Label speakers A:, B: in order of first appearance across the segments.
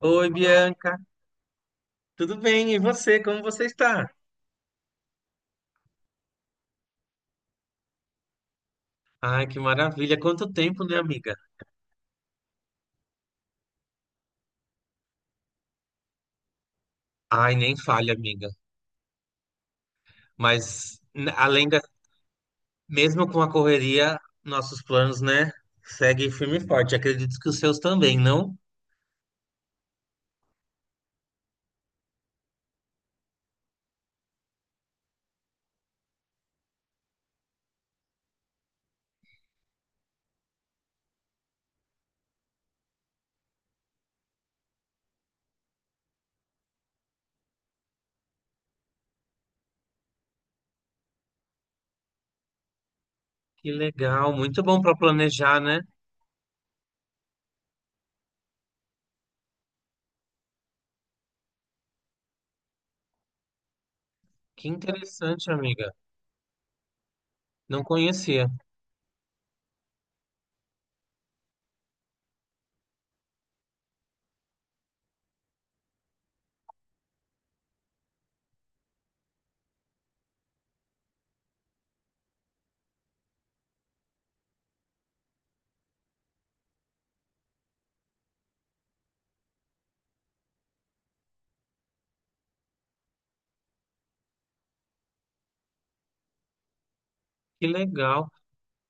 A: Oi, Bianca. Tudo bem? E você? Como você está? Ai, que maravilha. Quanto tempo, né, amiga? Ai, nem falha, amiga. Mas além da, mesmo com a correria, nossos planos, né, seguem firme e forte. Acredito que os seus também, não? Que legal, muito bom para planejar, né? Que interessante, amiga. Não conhecia. Que legal.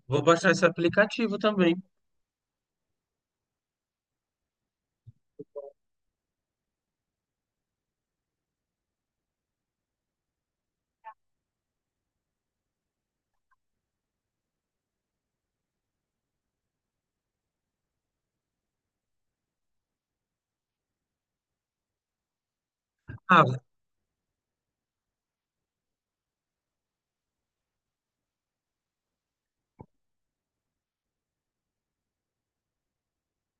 A: Vou baixar esse aplicativo também. Ah,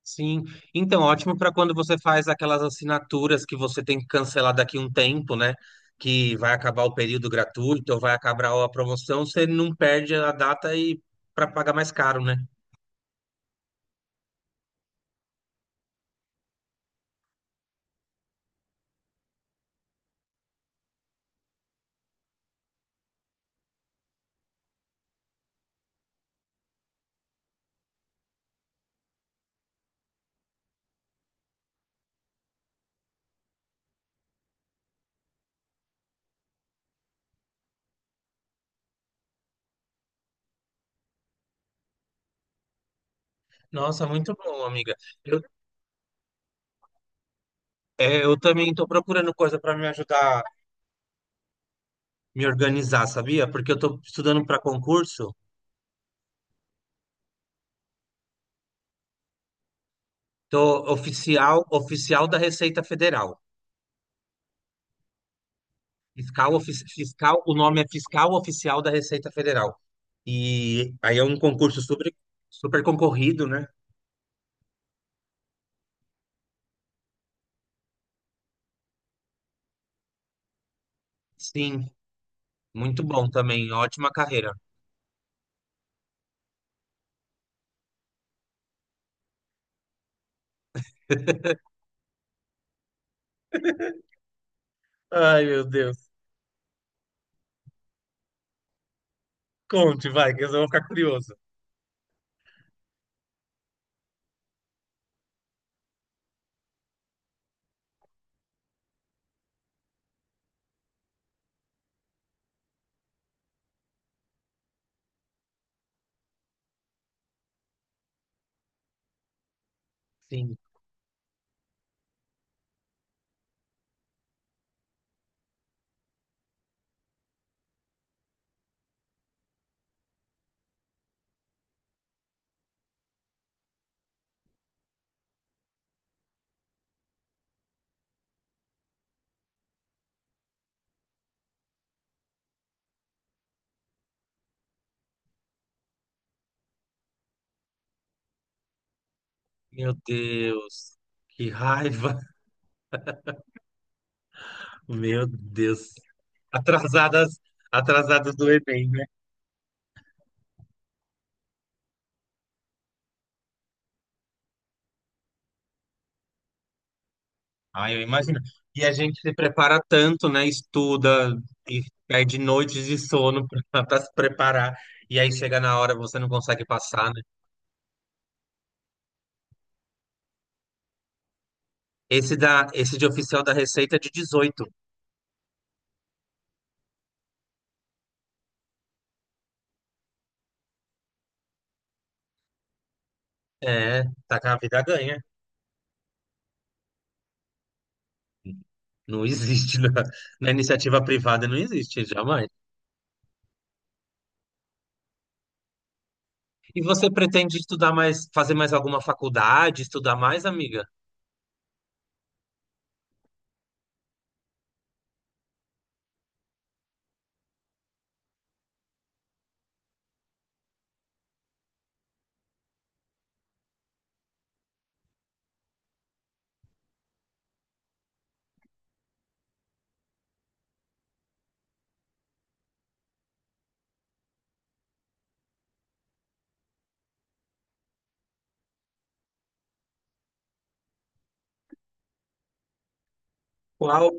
A: sim, então ótimo para quando você faz aquelas assinaturas que você tem que cancelar daqui um tempo, né? Que vai acabar o período gratuito ou vai acabar a promoção, você não perde a data e para pagar mais caro, né? Nossa, muito bom, amiga. Eu, eu também estou procurando coisa para me ajudar a me organizar, sabia? Porque eu estou estudando para concurso, tô oficial, oficial da Receita Federal. Fiscal, fiscal, o nome é Fiscal Oficial da Receita Federal. E aí é um concurso super, super concorrido, né? Sim, muito bom também, ótima carreira. Ai, meu Deus. Conte, vai, que eu vou ficar curioso. Sim, meu Deus, que raiva, meu Deus. Atrasadas, atrasadas do Enem. Ah, eu imagino. E a gente se prepara tanto, né? Estuda e perde noites de sono para se preparar. E aí chega na hora, você não consegue passar, né? Esse, da, esse de oficial da Receita é de 18. É, tá com a vida ganha. Não existe na iniciativa privada, não existe, jamais. E você pretende estudar mais, fazer mais alguma faculdade, estudar mais, amiga? Qual,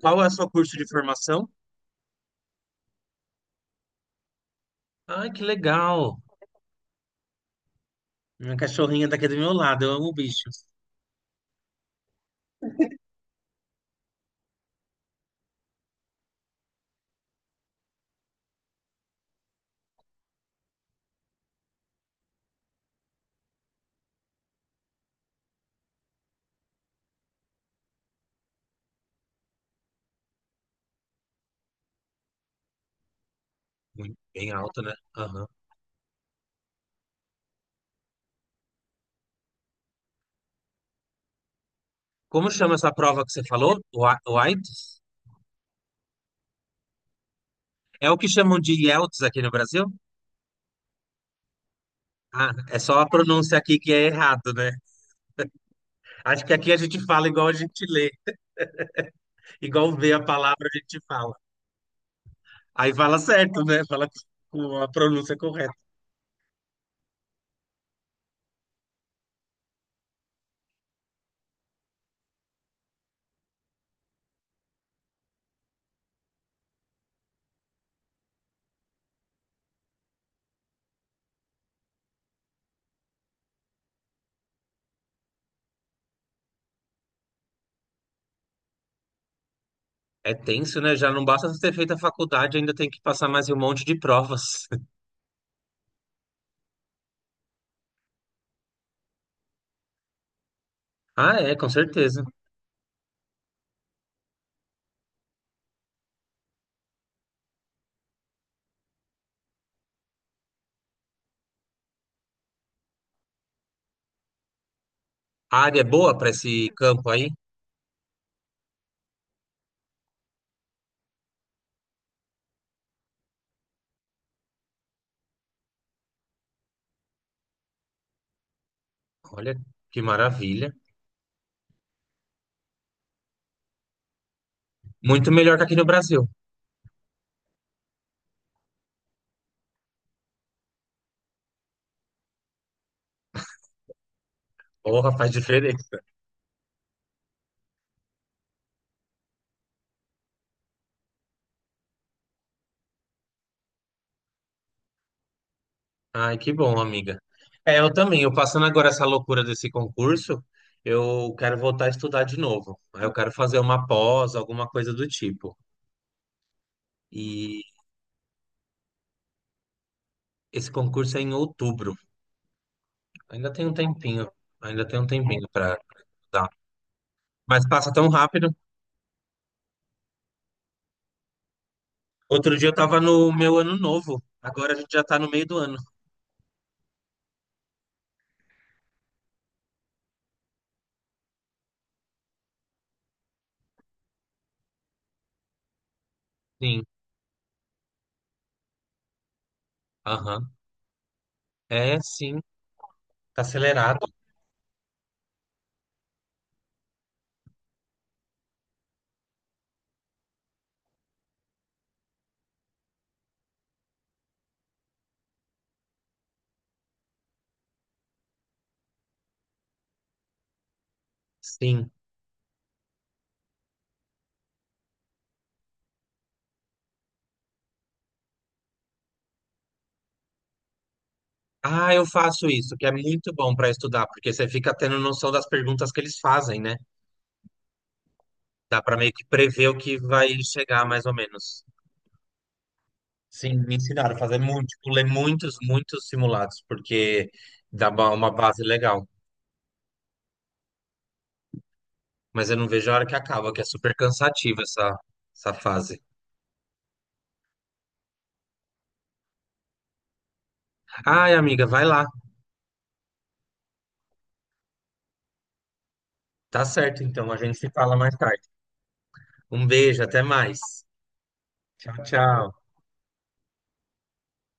A: qual é o seu curso de formação? Ai, que legal. Minha cachorrinha tá aqui do meu lado, eu amo o bicho. Muito bem alto, né? Aham. Como chama essa prova que você falou? O A- É o que chamam de IELTS aqui no Brasil? Ah, é só a pronúncia aqui que é errado, né? Acho que aqui a gente fala igual a gente lê, igual vê a palavra a gente fala. Aí fala certo, né? Fala com a pronúncia correta. É tenso, né? Já não basta você ter feito a faculdade, ainda tem que passar mais um monte de provas. Ah, é, com certeza. A área é boa para esse campo aí? Olha que maravilha. Muito melhor que aqui no Brasil. Porra, faz diferença. Ai, que bom, amiga. É, eu também. Eu passando agora essa loucura desse concurso, eu quero voltar a estudar de novo. Aí eu quero fazer uma pós, alguma coisa do tipo. E esse concurso é em outubro. Ainda tem um tempinho. Ainda tem um tempinho para estudar. Mas passa tão rápido. Outro dia eu tava no meu ano novo. Agora a gente já tá no meio do ano. Sim. Aham. É, sim. Tá acelerado. Sim. Ah, eu faço isso, que é muito bom para estudar, porque você fica tendo noção das perguntas que eles fazem, né? Dá para meio que prever o que vai chegar, mais ou menos. Sim, me ensinaram a fazer muito, tipo, ler muitos, muitos simulados, porque uma base legal. Mas eu não vejo a hora que acaba, que é super cansativa essa, essa fase. Ai, amiga, vai lá. Tá certo, então. A gente se fala mais tarde. Um beijo, até mais. Tchau, tchau.